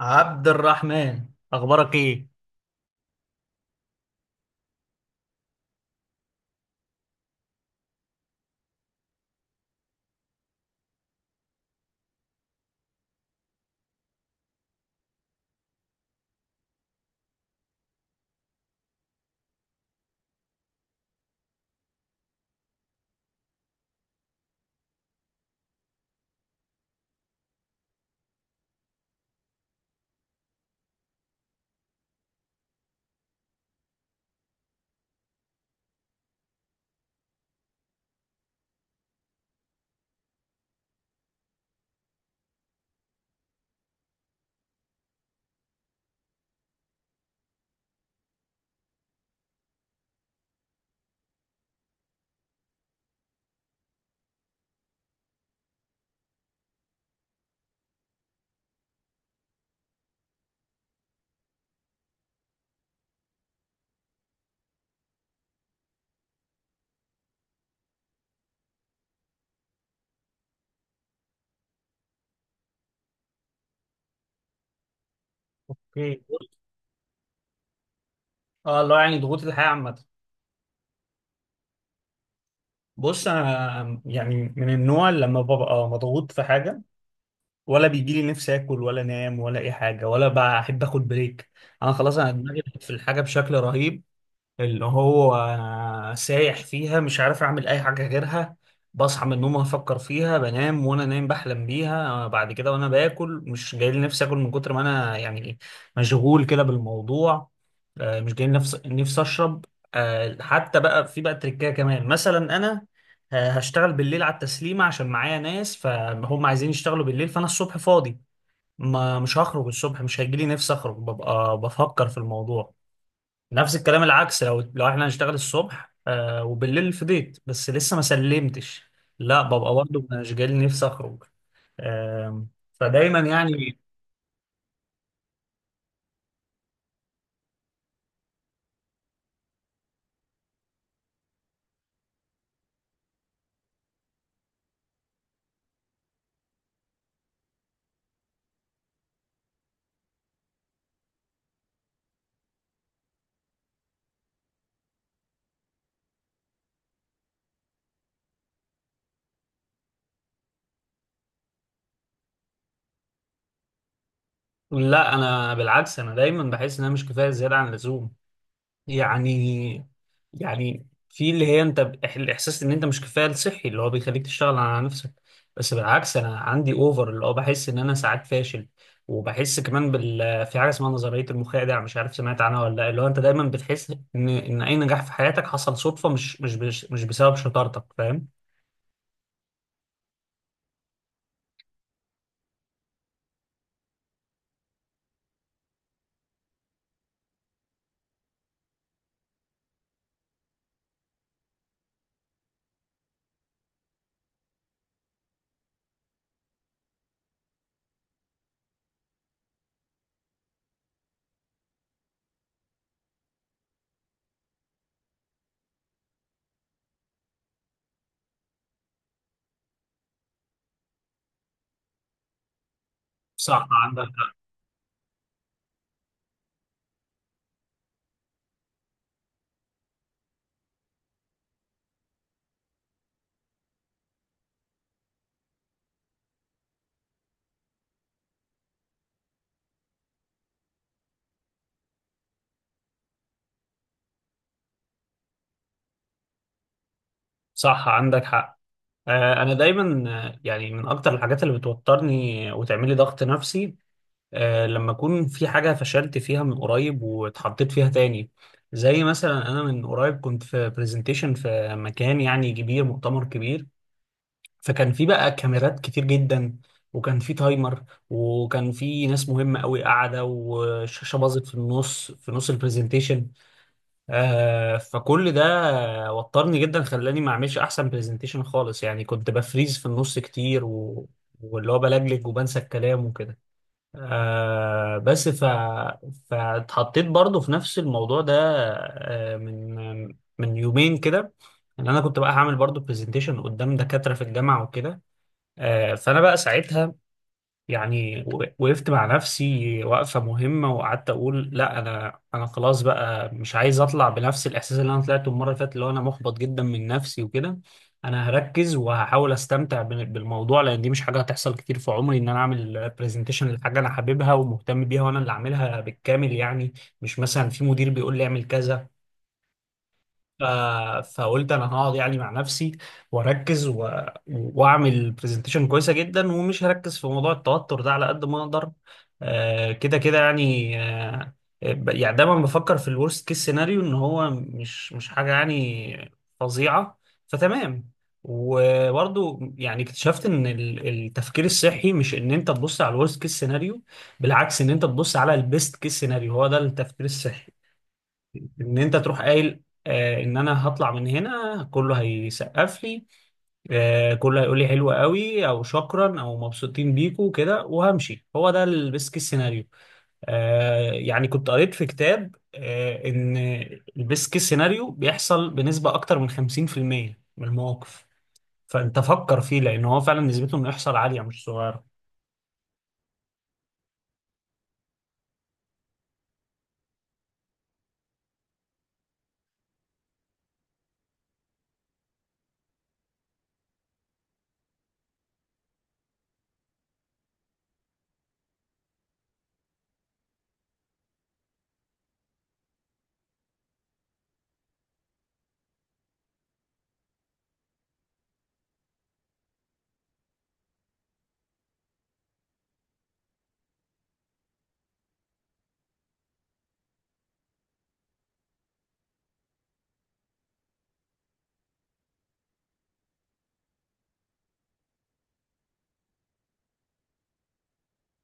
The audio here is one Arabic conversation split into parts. عبد الرحمن، اخبارك ايه، اه الله، يعني ضغوط الحياه عامه. بص، انا يعني من النوع اللي لما ببقى مضغوط في حاجه، ولا بيجي لي نفسي اكل ولا انام ولا اي حاجه، ولا بحب اخد بريك. انا خلاص، انا دماغي في الحاجه بشكل رهيب، اللي هو سايح فيها، مش عارف اعمل اي حاجه غيرها. بصحى من النوم افكر فيها، بنام وانا نايم بحلم بيها. بعد كده وانا باكل مش جاي لي نفسي اكل، من كتر ما انا يعني مشغول كده بالموضوع. مش جاي لي نفسي اشرب. حتى بقى في بقى تريكايه كمان مثلا انا، هشتغل بالليل على التسليمه عشان معايا ناس فهم عايزين يشتغلوا بالليل، فانا الصبح فاضي، ما مش هخرج الصبح، مش هيجي لي نفسي اخرج، ببقى بفكر في الموضوع. نفس الكلام العكس، لو احنا هنشتغل الصبح، آه، وبالليل فضيت بس لسه ما سلمتش، لا ببقى برضه انا مش جاي نفسي اخرج. آه. فدايما يعني. لا، انا بالعكس، انا دايما بحس ان انا مش كفايه زياده عن اللزوم. يعني، يعني في اللي هي انت الاحساس ان انت مش كفايه الصحي اللي هو بيخليك تشتغل على نفسك. بس بالعكس، انا عندي اوفر، اللي هو بحس ان انا ساعات فاشل. وبحس كمان بال في حاجه اسمها نظريه المخادع، مش عارف سمعت عنها ولا لا، اللي هو انت دايما بتحس ان اي نجاح في حياتك حصل صدفه، مش بسبب شطارتك، فاهم؟ صح، عندك حق. صح، عندك حق. انا دايما، يعني من اكتر الحاجات اللي بتوترني وتعملي ضغط نفسي، لما أكون في حاجة فشلت فيها من قريب واتحطيت فيها تاني. زي مثلا أنا من قريب كنت في برزنتيشن في مكان يعني كبير، مؤتمر كبير، فكان في بقى كاميرات كتير جدا، وكان في تايمر، وكان في ناس مهمة قوي قاعدة، والشاشة باظت في النص، في نص البرزنتيشن. آه، فكل ده وترني جدا، خلاني ما اعملش احسن برزنتيشن خالص، يعني كنت بفريز في النص كتير، واللي هو بلجلج وبنسى الكلام وكده. آه. بس ف فاتحطيت برضو في نفس الموضوع ده، آه من من يومين كده، ان انا كنت بقى هعمل برضو برزنتيشن قدام دكاترة في الجامعة وكده. آه، فانا بقى ساعتها يعني وقفت مع نفسي وقفة مهمة، وقعدت أقول لا، أنا خلاص بقى مش عايز أطلع بنفس الإحساس اللي أنا طلعته المرة اللي فاتت، اللي هو أنا محبط جدا من نفسي وكده. أنا هركز وهحاول أستمتع بالموضوع، لأن دي مش حاجة هتحصل كتير في عمري، إن أنا أعمل برزنتيشن لحاجة أنا حاببها ومهتم بيها وأنا اللي أعملها بالكامل، يعني مش مثلا في مدير بيقول لي أعمل كذا. ف- فقلت انا هقعد يعني مع نفسي واركز، واعمل برزنتيشن كويسه جدا، ومش هركز في موضوع التوتر ده على قد ما اقدر. كده كده يعني. يعني دايما بفكر في الورست كيس سيناريو، ان هو مش حاجه يعني فظيعه، فتمام. وبرضو يعني اكتشفت ان التفكير الصحي مش ان انت تبص على الورست كيس سيناريو، بالعكس، ان انت تبص على البيست كيس سيناريو، هو ده التفكير الصحي. ان انت تروح قايل، آه، ان انا هطلع من هنا كله هيسقف لي، آه، كله هيقول لي حلو قوي او شكرا او مبسوطين بيكو كده وهمشي، هو ده البيسك سيناريو. آه، يعني كنت قريت في كتاب آه ان البيسك سيناريو بيحصل بنسبة اكتر من 50% من المواقف، فانت فكر فيه لان هو فعلا نسبته انه يحصل عالية مش صغيرة.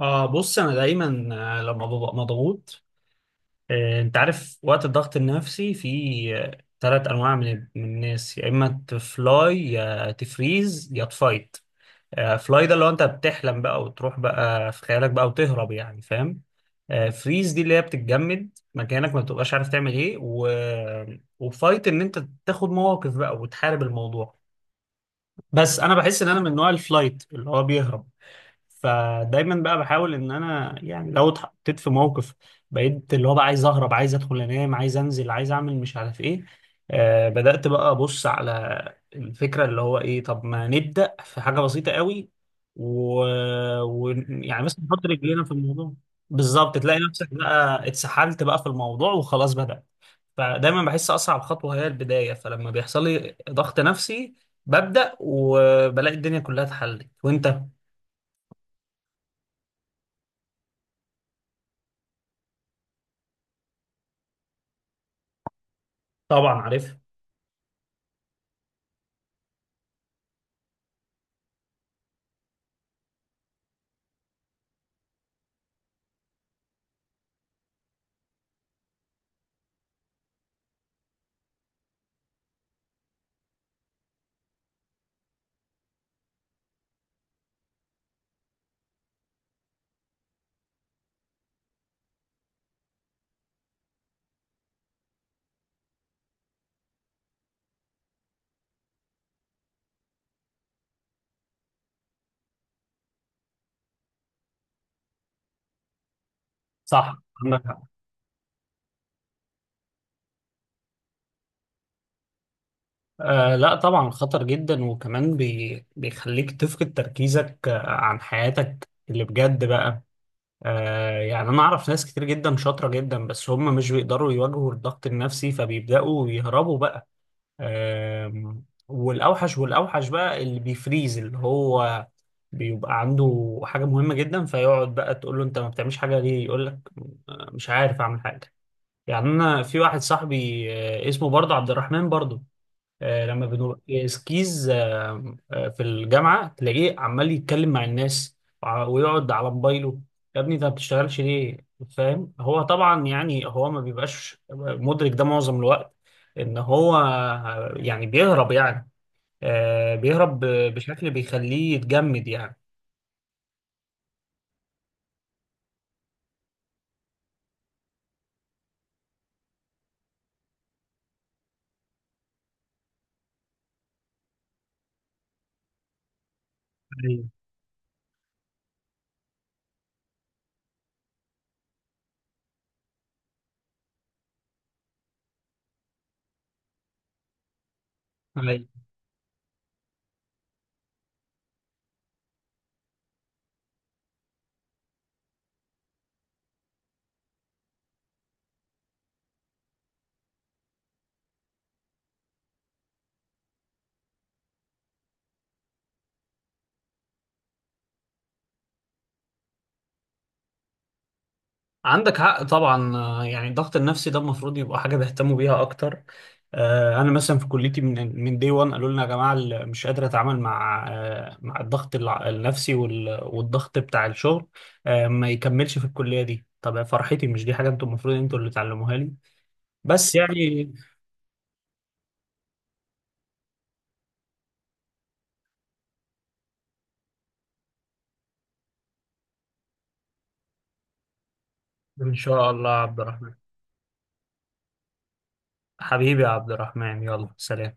آه، بص أنا دايما، لما ببقى مضغوط، انت عارف وقت الضغط النفسي في ثلاث انواع من الناس، يا اما تفلاي يا تفريز يا تفايت. فلاي ده اللي هو انت بتحلم بقى وتروح بقى في خيالك بقى وتهرب، يعني فاهم. فريز دي اللي هي بتتجمد مكانك، ما بتبقاش عارف تعمل ايه، وفايت ان انت تاخد مواقف بقى وتحارب الموضوع. بس انا بحس ان انا من نوع الفلايت اللي هو بيهرب. فدايما بقى بحاول ان انا يعني لو اتحطيت في موقف، بقيت اللي هو بقى عايز اهرب، عايز ادخل انام، عايز انزل، عايز اعمل مش عارف ايه. آه، بدأت بقى ابص على الفكرة اللي هو ايه، طب ما نبدأ في حاجة بسيطة قوي، و... يعني بس نحط رجلينا في الموضوع. بالظبط، تلاقي نفسك بقى اتسحلت بقى في الموضوع وخلاص بدأ. فدايما بحس اصعب خطوة هي البداية، فلما بيحصل لي ضغط نفسي ببدأ، وبلاقي الدنيا كلها اتحلت وانت. طبعا عارف. صح، عندك حق. آه، لا طبعا خطر جدا، وكمان بيخليك تفقد تركيزك، عن حياتك اللي بجد بقى. آه، يعني انا اعرف ناس كتير جدا شاطرة جدا، بس هم مش بيقدروا يواجهوا الضغط النفسي، فبيبدأوا يهربوا بقى. آه. والاوحش بقى اللي بيفريز، اللي هو بيبقى عنده حاجة مهمة جدا فيقعد بقى، تقول له انت ما بتعملش حاجة ليه، يقول لك، مش عارف اعمل حاجة. يعني انا في واحد صاحبي، اسمه برضه عبد الرحمن برضه، لما بنبقى سكيز، في الجامعة تلاقيه عمال يتكلم مع الناس ويقعد على موبايله. يا ابني انت ما بتشتغلش ليه؟ فاهم، هو طبعا يعني هو ما بيبقاش مدرك ده معظم الوقت، ان هو يعني بيهرب يعني، بيهرب بشكل بيخليه يتجمد يعني. أيوة. عندك حق طبعا. يعني الضغط النفسي ده المفروض يبقى حاجه بيهتموا بيها اكتر. انا مثلا في كليتي من دي 1 قالوا لنا يا جماعه، مش قادر اتعامل مع، مع الضغط النفسي والضغط بتاع الشغل، ما يكملش في الكليه دي. طب يا فرحتي، مش دي حاجه انتوا المفروض انتوا اللي تعلموها لي؟ بس يعني. ان شاء الله يا عبد الرحمن. حبيبي يا عبد الرحمن، يلا سلام.